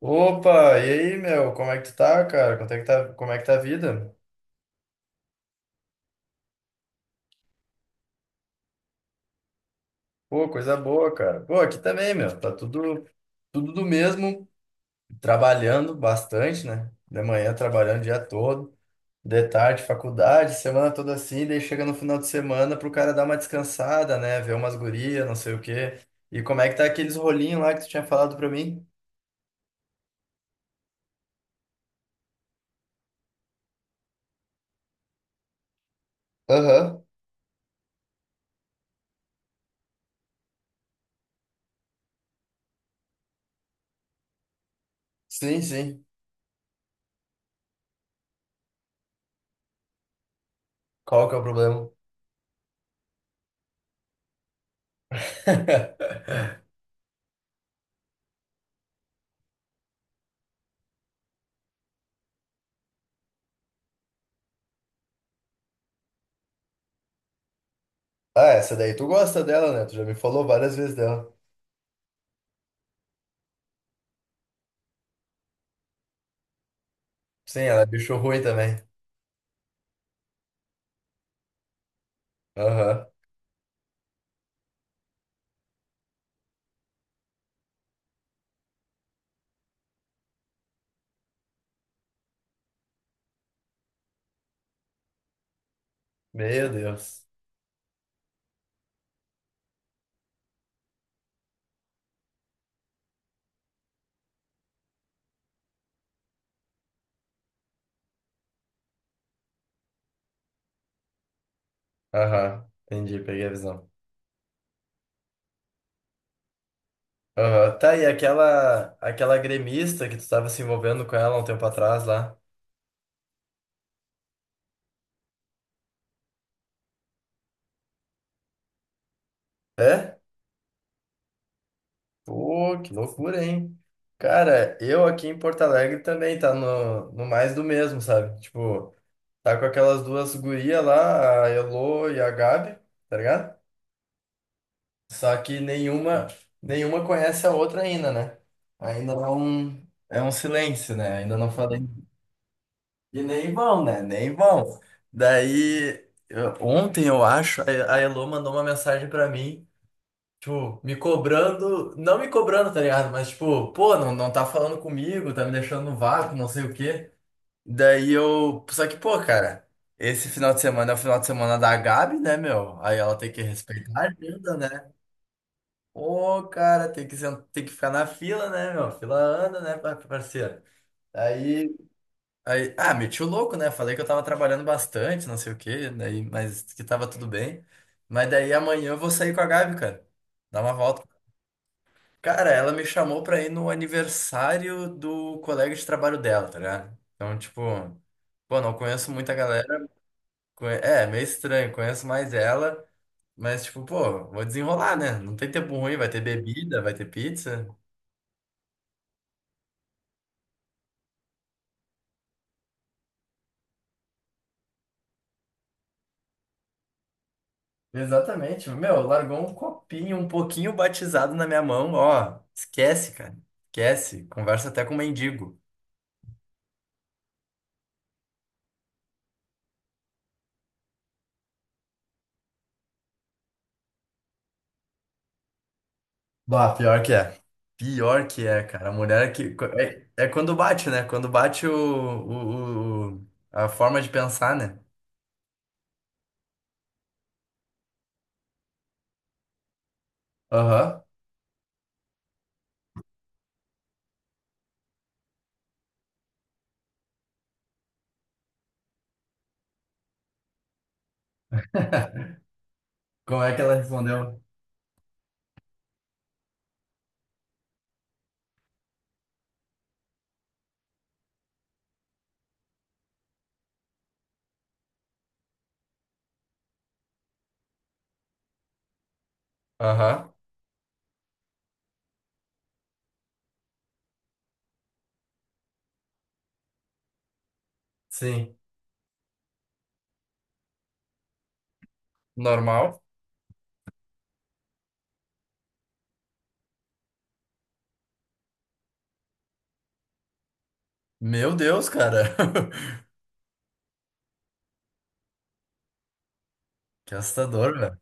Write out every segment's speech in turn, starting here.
Opa, e aí, meu? Como é que tu tá, cara? Como é que tá, a vida? Pô, coisa boa, cara. Pô, aqui também, meu. Tá tudo do mesmo, trabalhando bastante, né? De manhã trabalhando o dia todo, de tarde faculdade, semana toda assim, daí chega no final de semana pro cara dar uma descansada, né? Ver umas gurias, não sei o quê. E como é que tá aqueles rolinhos lá que tu tinha falado pra mim? Aham. Sim, sim. Qual que é o problema? Ah, essa daí tu gosta dela, né? Tu já me falou várias vezes dela. Sim, ela é bicho ruim também. Aham. Meu Deus. Aham. Entendi, peguei a visão. Aham. Tá, e aquela gremista que tu tava se envolvendo com ela um tempo atrás lá. É? Pô, que loucura, hein? Cara, eu aqui em Porto Alegre também tá no, no mais do mesmo, sabe? Tipo, tá com aquelas duas gurias lá, a Elô e a Gabi, tá ligado? Só que nenhuma conhece a outra ainda, né? Ainda não. É um silêncio, né? Ainda não falei. E nem vão, né? Nem vão. Daí, ontem eu acho, a Elô mandou uma mensagem pra mim, tipo, me cobrando, não me cobrando, tá ligado? Mas tipo, pô, não, não tá falando comigo, tá me deixando no vácuo, não sei o quê. Daí eu, só que, pô, cara, esse final de semana é o final de semana da Gabi, né, meu? Aí ela tem que respeitar a agenda, né? Ô, cara, tem que, tem que ficar na fila, né, meu? Fila anda, né, parceiro? Aí. Aí, ah, meti o louco, né? Falei que eu tava trabalhando bastante, não sei o quê, daí, mas que tava tudo bem. Mas daí amanhã eu vou sair com a Gabi, cara. Dar uma volta. Cara, ela me chamou pra ir no aniversário do colega de trabalho dela, tá ligado? Então, tipo, pô, não conheço muita galera. É, meio estranho, conheço mais ela. Mas, tipo, pô, vou desenrolar, né? Não tem tempo ruim, vai ter bebida, vai ter pizza. Exatamente. Meu, largou um copinho um pouquinho batizado na minha mão. Ó, esquece, cara. Esquece. Conversa até com o mendigo. Bah, pior que é. Pior que é, cara. A mulher que. É, é quando bate, né? Quando bate a forma de pensar, né? Aham. Como é que ela respondeu? Aham. Sim. Normal. Meu Deus, cara. Que assustador, velho.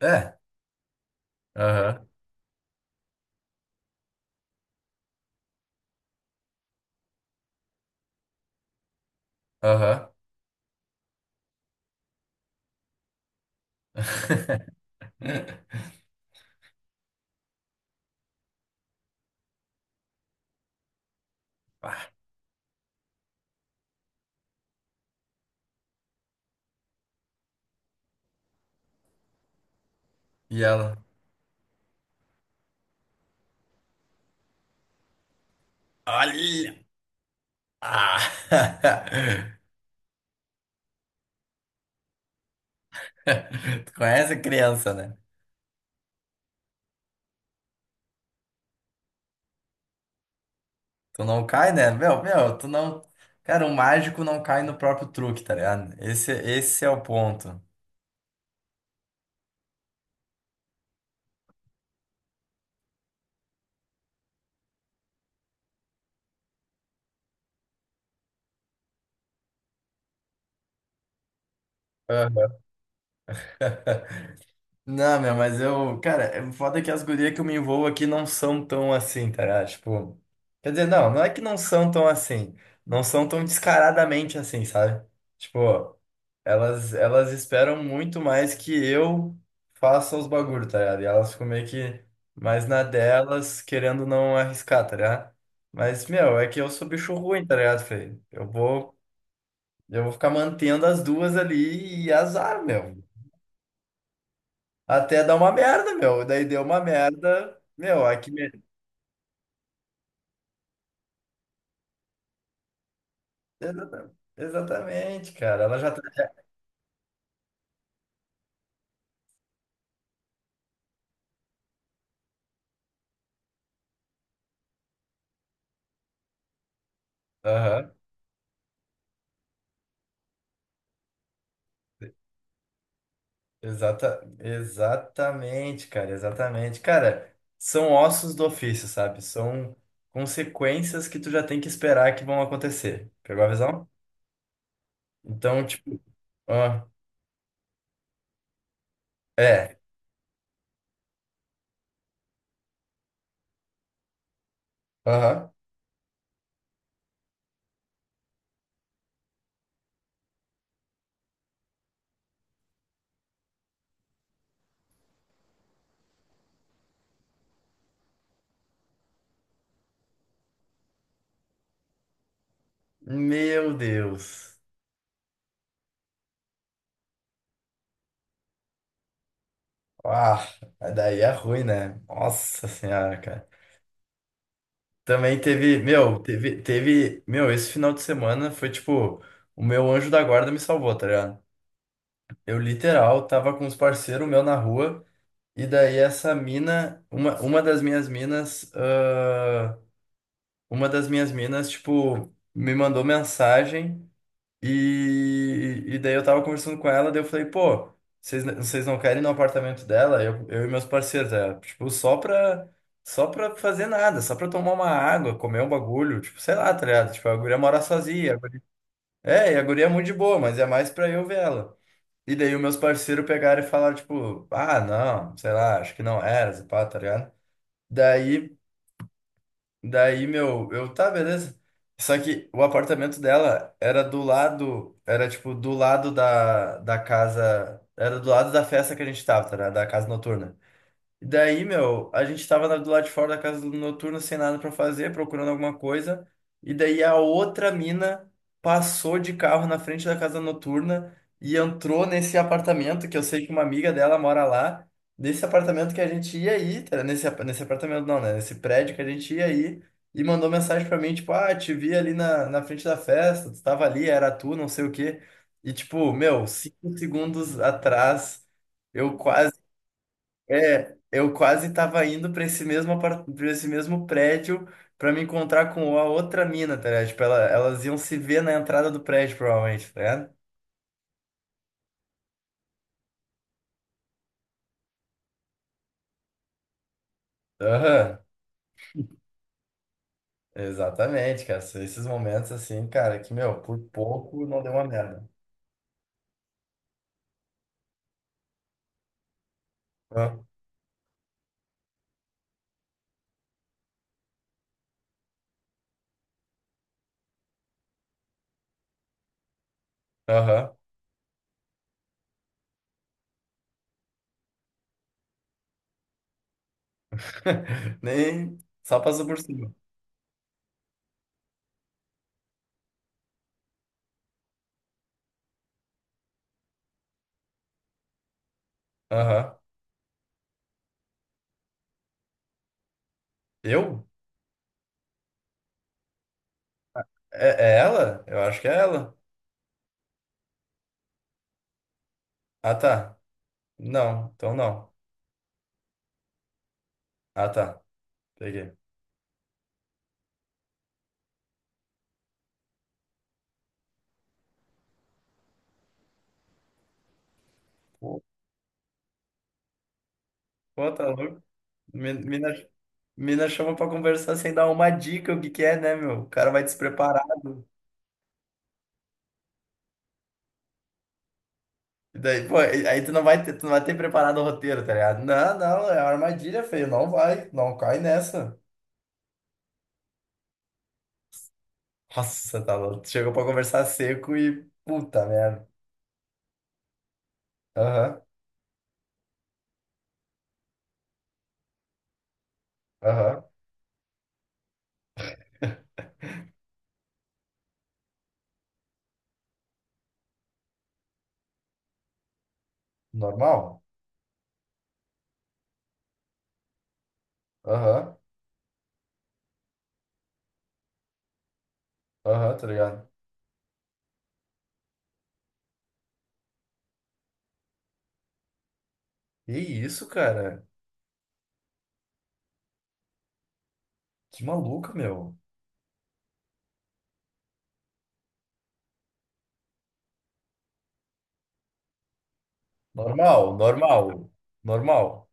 É. Aham. Aham. Ah, E ela? Olha! Ah! Tu conhece criança, né? Tu não cai, né? Meu, tu não. Cara, o mágico não cai no próprio truque, tá ligado? Esse é o ponto. Aham. Não, meu, mas eu, cara, é foda que as gurias que eu me envolvo aqui não são tão assim, tá ligado? Tipo, quer dizer, não, não é que não são tão assim, não são tão descaradamente assim, sabe? Tipo, elas esperam muito mais que eu faça os bagulho, tá ligado? E elas ficam meio que mais na delas, querendo não arriscar, tá ligado? Mas, meu, é que eu sou bicho ruim, tá ligado, Fê? Eu vou ficar mantendo as duas ali e azar, meu. Até dar uma merda, meu. Daí deu uma merda. Meu, aqui. Exata- Exatamente, cara. Ela já tá. Aham. Exatamente, cara. Exatamente. Cara, são ossos do ofício, sabe? São consequências que tu já tem que esperar que vão acontecer. Pegou a visão? Então, tipo. Ah, é. Aham. Meu Deus. Ah, daí é ruim, né? Nossa senhora, cara. Também teve, meu, teve, meu, esse final de semana foi tipo, o meu anjo da guarda me salvou, tá ligado? Eu literal tava com uns parceiros meu na rua, e daí essa mina, uma das minhas minas, ah, uma das minhas minas, tipo, me mandou mensagem. E daí eu tava conversando com ela, daí eu falei, pô, vocês não querem ir no apartamento dela? Eu e meus parceiros, é, tipo, só pra fazer nada, só pra tomar uma água, comer um bagulho, tipo, sei lá, tá ligado? Tipo, a guria mora sozinha. É, e a guria é muito de boa, mas é mais pra eu ver ela. E daí os meus parceiros pegaram e falaram, tipo, ah, não, sei lá, acho que não era, pá, tá ligado? Daí. Daí, meu, eu, tá, beleza. Só que o apartamento dela era do lado, era tipo do lado da casa, era do lado da festa que a gente tava, tá, ligado? Da casa noturna. E daí, meu, a gente tava do lado de fora da casa do noturno sem nada pra fazer, procurando alguma coisa. E daí a outra mina passou de carro na frente da casa noturna e entrou nesse apartamento que eu sei que uma amiga dela mora lá. Nesse apartamento que a gente ia ir, tá? Nesse apartamento não, né? Nesse prédio que a gente ia ir e mandou mensagem pra mim, tipo, ah, te vi ali na frente da festa, tu tava ali, era tu, não sei o quê. E tipo, meu, cinco segundos atrás. Eu quase é, eu quase tava indo pra pra esse mesmo prédio pra me encontrar com a outra mina, tá ligado? Tipo, elas iam se ver na entrada do prédio, provavelmente, tá ligado? Aham, exatamente, cara. São Esses momentos assim, cara, que, meu, por pouco não deu uma merda. Ah, Aham. Nem só passou por cima. Aham. Eu? É, é ela? Eu acho que é ela. Ah, tá. Não, então não. Ah, tá. Peguei. Pô, pô, tá louco. Mina, mina chama pra conversar sem dar uma dica o que que é, né, meu? O cara vai despreparado. E daí, pô, aí tu não vai ter preparado o roteiro, tá ligado? Não, não, é armadilha, feio. Não vai, não cai nessa. Nossa, tá louco. Chegou pra conversar seco e puta merda. Aham, aham. Normal? Aham, aham, tá ligado? Que isso, cara? Que maluco, meu. Normal, normal, normal,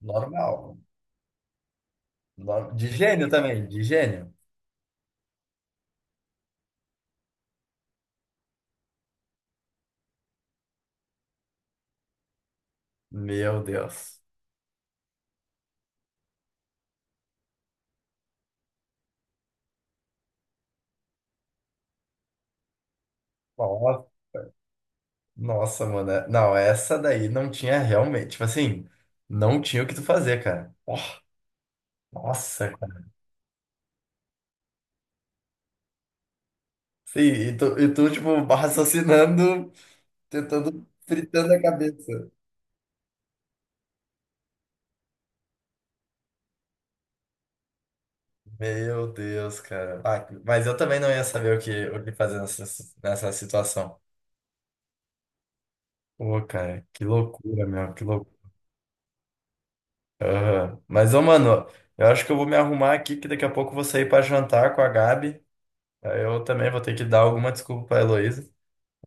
normal. De gênio também, de gênio. Meu Deus. Ó, Nossa, mano. Não, essa daí não tinha realmente. Tipo assim, não tinha o que tu fazer, cara. Ó, Nossa, cara. Sim, e tu, tipo, raciocinando, tentando, fritando a cabeça. Meu Deus, cara. Ah, mas eu também não ia saber o que fazer nessa situação. Pô, cara, que loucura, meu, que loucura. Mas, ô, mano, eu acho que eu vou me arrumar aqui, que daqui a pouco eu vou sair pra jantar com a Gabi. Aí Eu também vou ter que dar alguma desculpa pra Heloísa.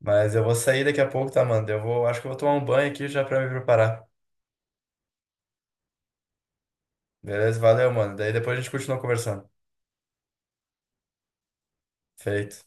Mas eu vou sair daqui a pouco, tá, mano? Eu vou, acho que eu vou tomar um banho aqui já pra me preparar. Beleza? Valeu, mano. Daí depois a gente continua conversando. Feito.